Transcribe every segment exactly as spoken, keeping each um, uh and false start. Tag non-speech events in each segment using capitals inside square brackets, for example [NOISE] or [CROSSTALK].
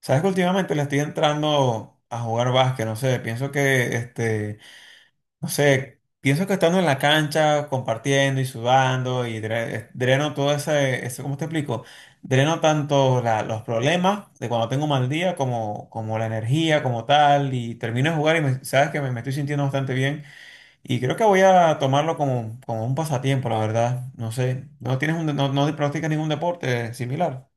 Sabes que últimamente le estoy entrando a jugar básquet, no sé, pienso que, este, no sé, pienso que estando en la cancha, compartiendo y sudando y dre- eh, dreno todo ese, ese- ¿cómo te explico? Dreno tanto la- los problemas de cuando tengo mal día como, como, la energía como tal y termino de jugar y me- sabes que me, me estoy sintiendo bastante bien y creo que voy a tomarlo como, como un pasatiempo, la verdad, no sé, ¿no tienes un, de- no, no practicas ningún deporte similar?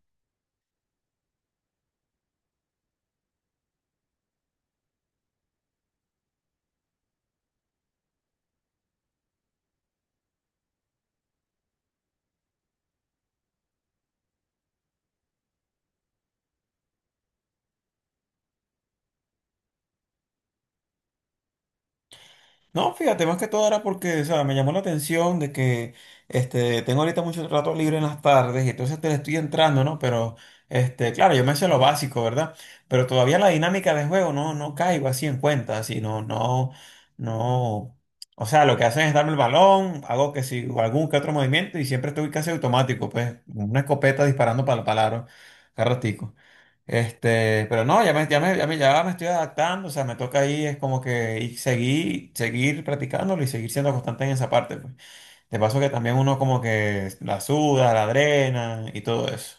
No, fíjate, más que todo era porque, o sea, me llamó la atención de que este, tengo ahorita mucho rato libre en las tardes y entonces te le estoy entrando, ¿no? Pero, este, claro, yo me sé lo básico, ¿verdad? Pero todavía la dinámica de juego no, no caigo así en cuenta, así, no, no, no. O sea, lo que hacen es darme el balón, hago que si algún que otro movimiento y siempre estoy casi automático, pues, una escopeta disparando para el palaro, cada ratico. Este, pero no, ya me, ya me, ya me, ya me estoy adaptando, o sea, me toca ahí, es como que y seguir, seguir practicándolo y seguir siendo constante en esa parte, pues. De paso que también uno como que la suda, la drena y todo eso.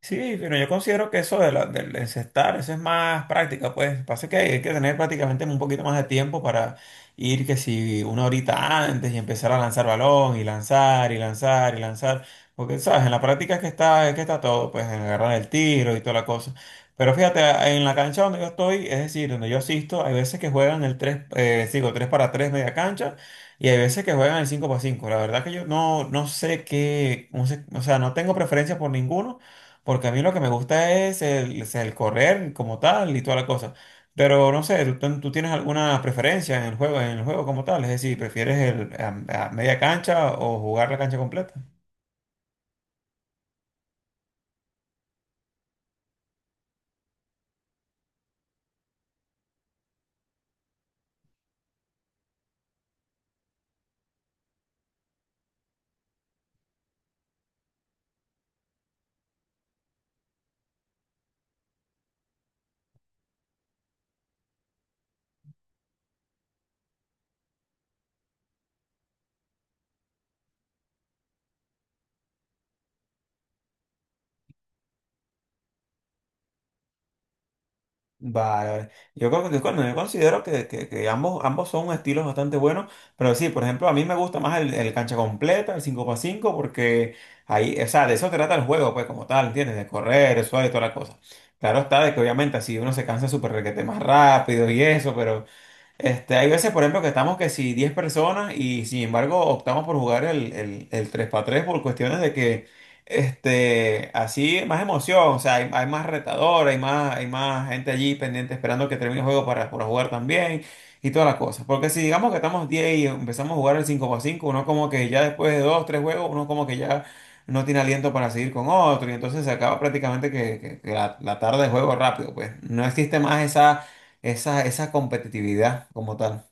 Sí, pero yo considero que eso de la, del encestar, eso es más práctica, pues. Pasa que hay que tener prácticamente un poquito más de tiempo para ir que si una horita antes y empezar a lanzar balón y lanzar y lanzar y lanzar. Porque, ¿sabes? En la práctica es que está, es que está todo, pues, en agarrar el tiro y toda la cosa. Pero fíjate, en la cancha donde yo estoy, es decir, donde yo asisto, hay veces que juegan el tres eh, digo, tres para tres media cancha y hay veces que juegan el cinco para cinco. La verdad que yo no, no sé qué, no sé, o sea, no tengo preferencia por ninguno. Porque a mí lo que me gusta es el, es el correr como tal y toda la cosa. Pero no sé, ¿tú, tú- tú tienes alguna preferencia en el juego, en el juego como tal? Es decir, ¿prefieres el, a, a media cancha o jugar la cancha completa? Vale, vale. Yo, creo que- bueno, yo considero que, que- que ambos, ambos son estilos bastante buenos, pero sí, por ejemplo, a mí me gusta más el, el cancha completa, el cinco x cinco porque ahí, o sea, de eso trata el juego, pues como tal, ¿entiendes? De correr, el suave y toda la cosa. Claro está de que obviamente así uno se cansa súper requete más rápido y eso. Este, hay veces, por ejemplo, que estamos que si diez personas y sin embargo optamos por jugar el, el, el tres por tres por cuestiones de que este, así más emoción, o sea, hay, hay más retador, hay, más, hay más gente allí pendiente esperando que termine el juego para, para jugar también y todas las cosas. Porque si digamos que estamos diez y empezamos a jugar el cinco para cinco, uno como que ya después de dos tres juegos, uno como que ya no tiene aliento para seguir con otro y entonces se acaba prácticamente que, que- que la, la tarde de juego rápido, pues no existe más esa esa, esa competitividad como tal.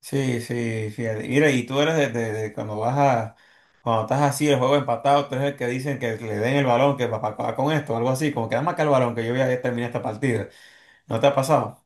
Sí, sí, fíjate. Mira, y tú eres de, de- de cuando vas a, cuando estás así, el juego empatado, tú eres el que dicen que le den el balón, que papá acaba con esto, algo así, como que dame acá el balón, que yo voy a terminar esta partida. ¿No te ha pasado?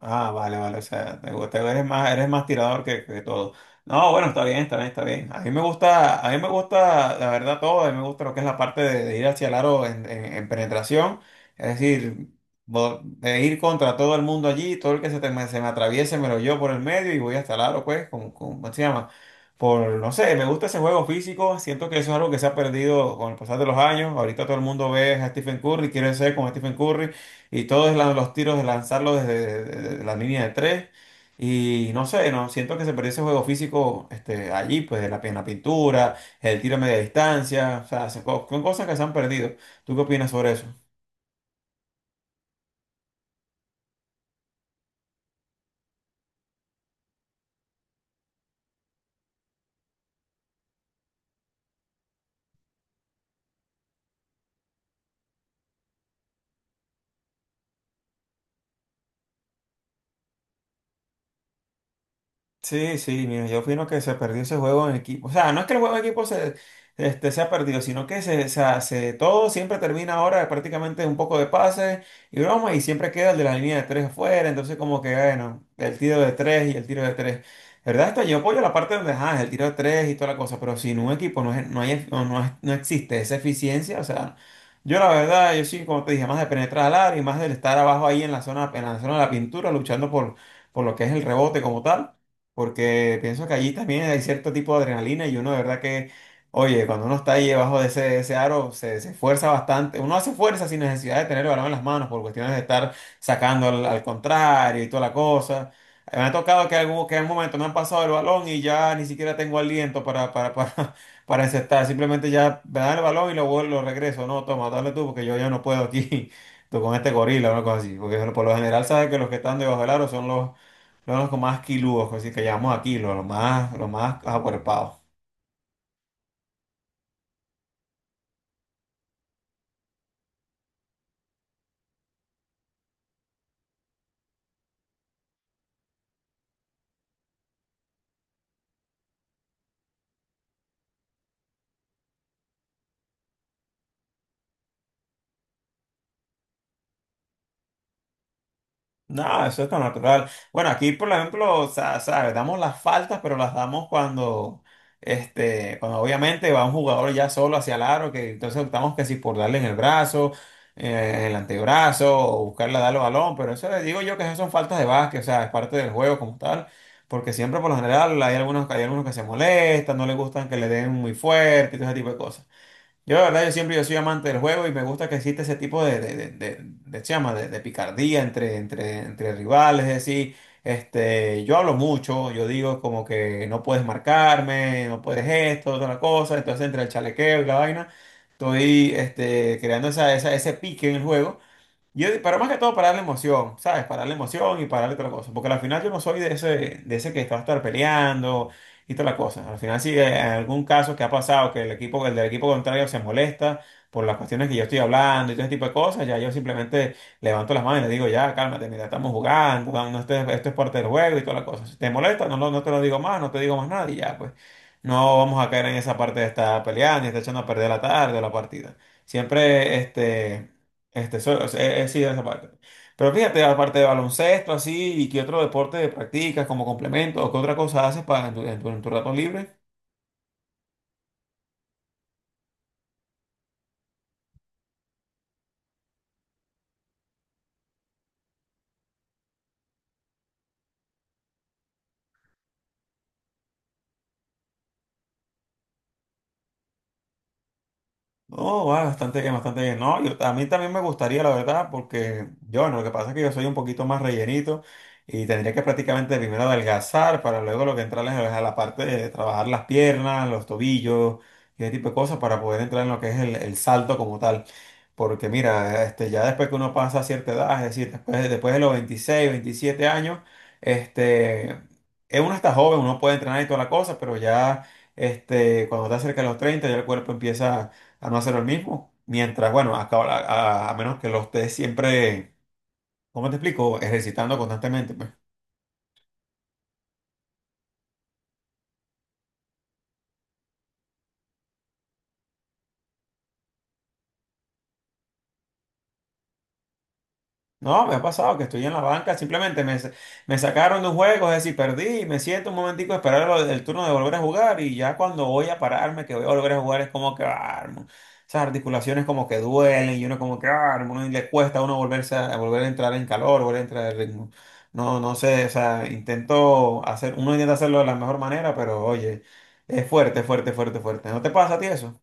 Ah, vale, vale, o sea, te gusta, eres más, eres más tirador que, que todo. No, bueno, está bien, está bien, está bien. A mí me gusta, a mí me gusta, la verdad, todo, a mí me gusta lo que es la parte de, de ir hacia el aro en, en- en penetración, es decir, bo- de ir contra todo el mundo allí, todo el que se, te- me, se me atraviese me lo llevo por el medio y voy hasta el aro, pues, como, como- ¿cómo se llama? Por, no sé, me gusta ese juego físico, siento que eso es algo que se ha perdido con el pasar de los años, ahorita todo el mundo ve a Stephen Curry, quiere ser como Stephen Curry, y todos la- los tiros de lanzarlo desde desde la línea de tres. Y no sé, no siento que se perdió ese juego físico, este, allí, pues de la, en la pintura, el tiro a media distancia, o sea, se- co- son cosas que se han perdido. ¿Tú qué opinas sobre eso? Sí, sí, mira, yo opino que se perdió ese juego en equipo. O sea, no es que el juego en equipo se, este, se ha perdido, sino que se, o sea, se hace- todo siempre termina ahora prácticamente un poco de pases y broma, y siempre queda el de la línea de tres afuera. Entonces, como que, bueno, el tiro de tres y el tiro de tres. La ¿Verdad? Esto yo apoyo la parte donde, ah, el tiro de tres y toda la cosa, pero sin un equipo no, es- no, hay, no, no es- no existe esa eficiencia. O sea, yo la verdad, yo sí, como te dije, más de penetrar al área y más del estar abajo ahí en la zona, en la zona de la pintura, luchando por, por lo que es el rebote como tal, porque pienso que allí también hay cierto tipo de adrenalina y uno de verdad que, oye, cuando uno está ahí debajo de ese, de ese aro, se, se esfuerza bastante, uno hace fuerza sin necesidad de tener el balón en las manos por cuestiones de estar sacando al, al contrario y toda la cosa. Eh, Me ha tocado que, algún, que en un momento me han pasado el balón y ya ni siquiera tengo aliento para, para, para, [LAUGHS] para encestar. Simplemente ya me dan el balón y lo, vuelvo- lo regreso. No, toma, dale tú porque yo ya no puedo aquí. [LAUGHS] Tú con este gorila o una cosa así. Porque por lo general sabes que los que están debajo del aro son los, los los más quiludos, así que llamamos a kilo, los más, los más acuerpados. No, eso es tan natural. Bueno, aquí, por ejemplo, o sea, ¿sabes? Damos las faltas, pero las damos cuando, este, cuando obviamente va un jugador ya solo hacia el aro, que entonces optamos que si por darle en el brazo, eh, en el antebrazo, o buscarle a darle balón, pero eso, eh, digo yo que esas son faltas de básquet, o sea, es parte del juego como tal, porque siempre por lo general hay algunos, hay algunos que se molestan, no les gustan que le den muy fuerte, y todo ese tipo de cosas. Yo, la verdad, yo siempre yo soy amante del juego y me gusta que existe ese tipo de, de, de, de, de- se llama, de- de picardía entre, entre, entre rivales. Es decir, este, yo hablo mucho, yo digo como que no puedes marcarme, no puedes esto, otra la cosa. Entonces, entre el chalequeo y la vaina, estoy, este, creando esa, esa- ese pique en el juego. Yo, di- pero más que todo para darle emoción, ¿sabes? Para darle emoción y para darle otra cosa. Porque al final yo no soy de ese, de ese que está a estar peleando y toda la cosa. Al final, si en algún caso que ha pasado que el equipo, el del equipo contrario se molesta por las cuestiones que yo estoy hablando y todo ese tipo de cosas, ya yo simplemente levanto las manos y le digo, ya, cálmate, mira, estamos jugando, no, no, esto, es- esto es parte del juego y toda la cosa. Si te molesta, no, lo- no te lo digo más, no te digo más nada y ya, pues. No vamos a caer en esa parte de estar peleando y estar echando a perder la tarde o la partida. Siempre, este. Este, so- o sea, eh, eh, sí, en esa parte. Pero fíjate, aparte de baloncesto, así, ¿y qué otro deporte practicas como complemento o qué otra cosa haces para en tu, en tu- en tu rato libre? No, va bastante bien, bastante bien. No, yo, a mí también me gustaría, la verdad, porque yo, bueno, lo que pasa es que yo soy un poquito más rellenito y tendría que prácticamente primero adelgazar para luego lo que entrarles es a la parte de trabajar las piernas, los tobillos y ese tipo de cosas para poder entrar en lo que es el, el salto como tal. Porque mira, este, ya después que uno pasa a cierta edad, es decir, después, después de los veintiséis veintisiete años, este, eh, uno está joven, uno puede entrenar y toda la cosa, pero ya, este, cuando está cerca de los treinta ya el cuerpo empieza a no hacer lo mismo. Mientras, bueno, acá- a, a- a menos que lo estés siempre, ¿cómo te explico? Ejercitando constantemente, pues. No, me ha pasado que estoy en la banca, simplemente me, sa- me sacaron de un juego, es decir, perdí, me siento un momentico a esperar lo- el turno de volver a jugar y ya cuando voy a pararme, que voy a volver a jugar, es como que, ah, hermano, esas articulaciones como que duelen y uno como que, ah, hermano, y le cuesta a uno volverse a, a volver a entrar en calor, volver a entrar en ritmo. No, no sé, o sea, intento hacer, uno intenta hacerlo de la mejor manera, pero oye, es fuerte, fuerte, fuerte, fuerte. ¿No te pasa a ti eso?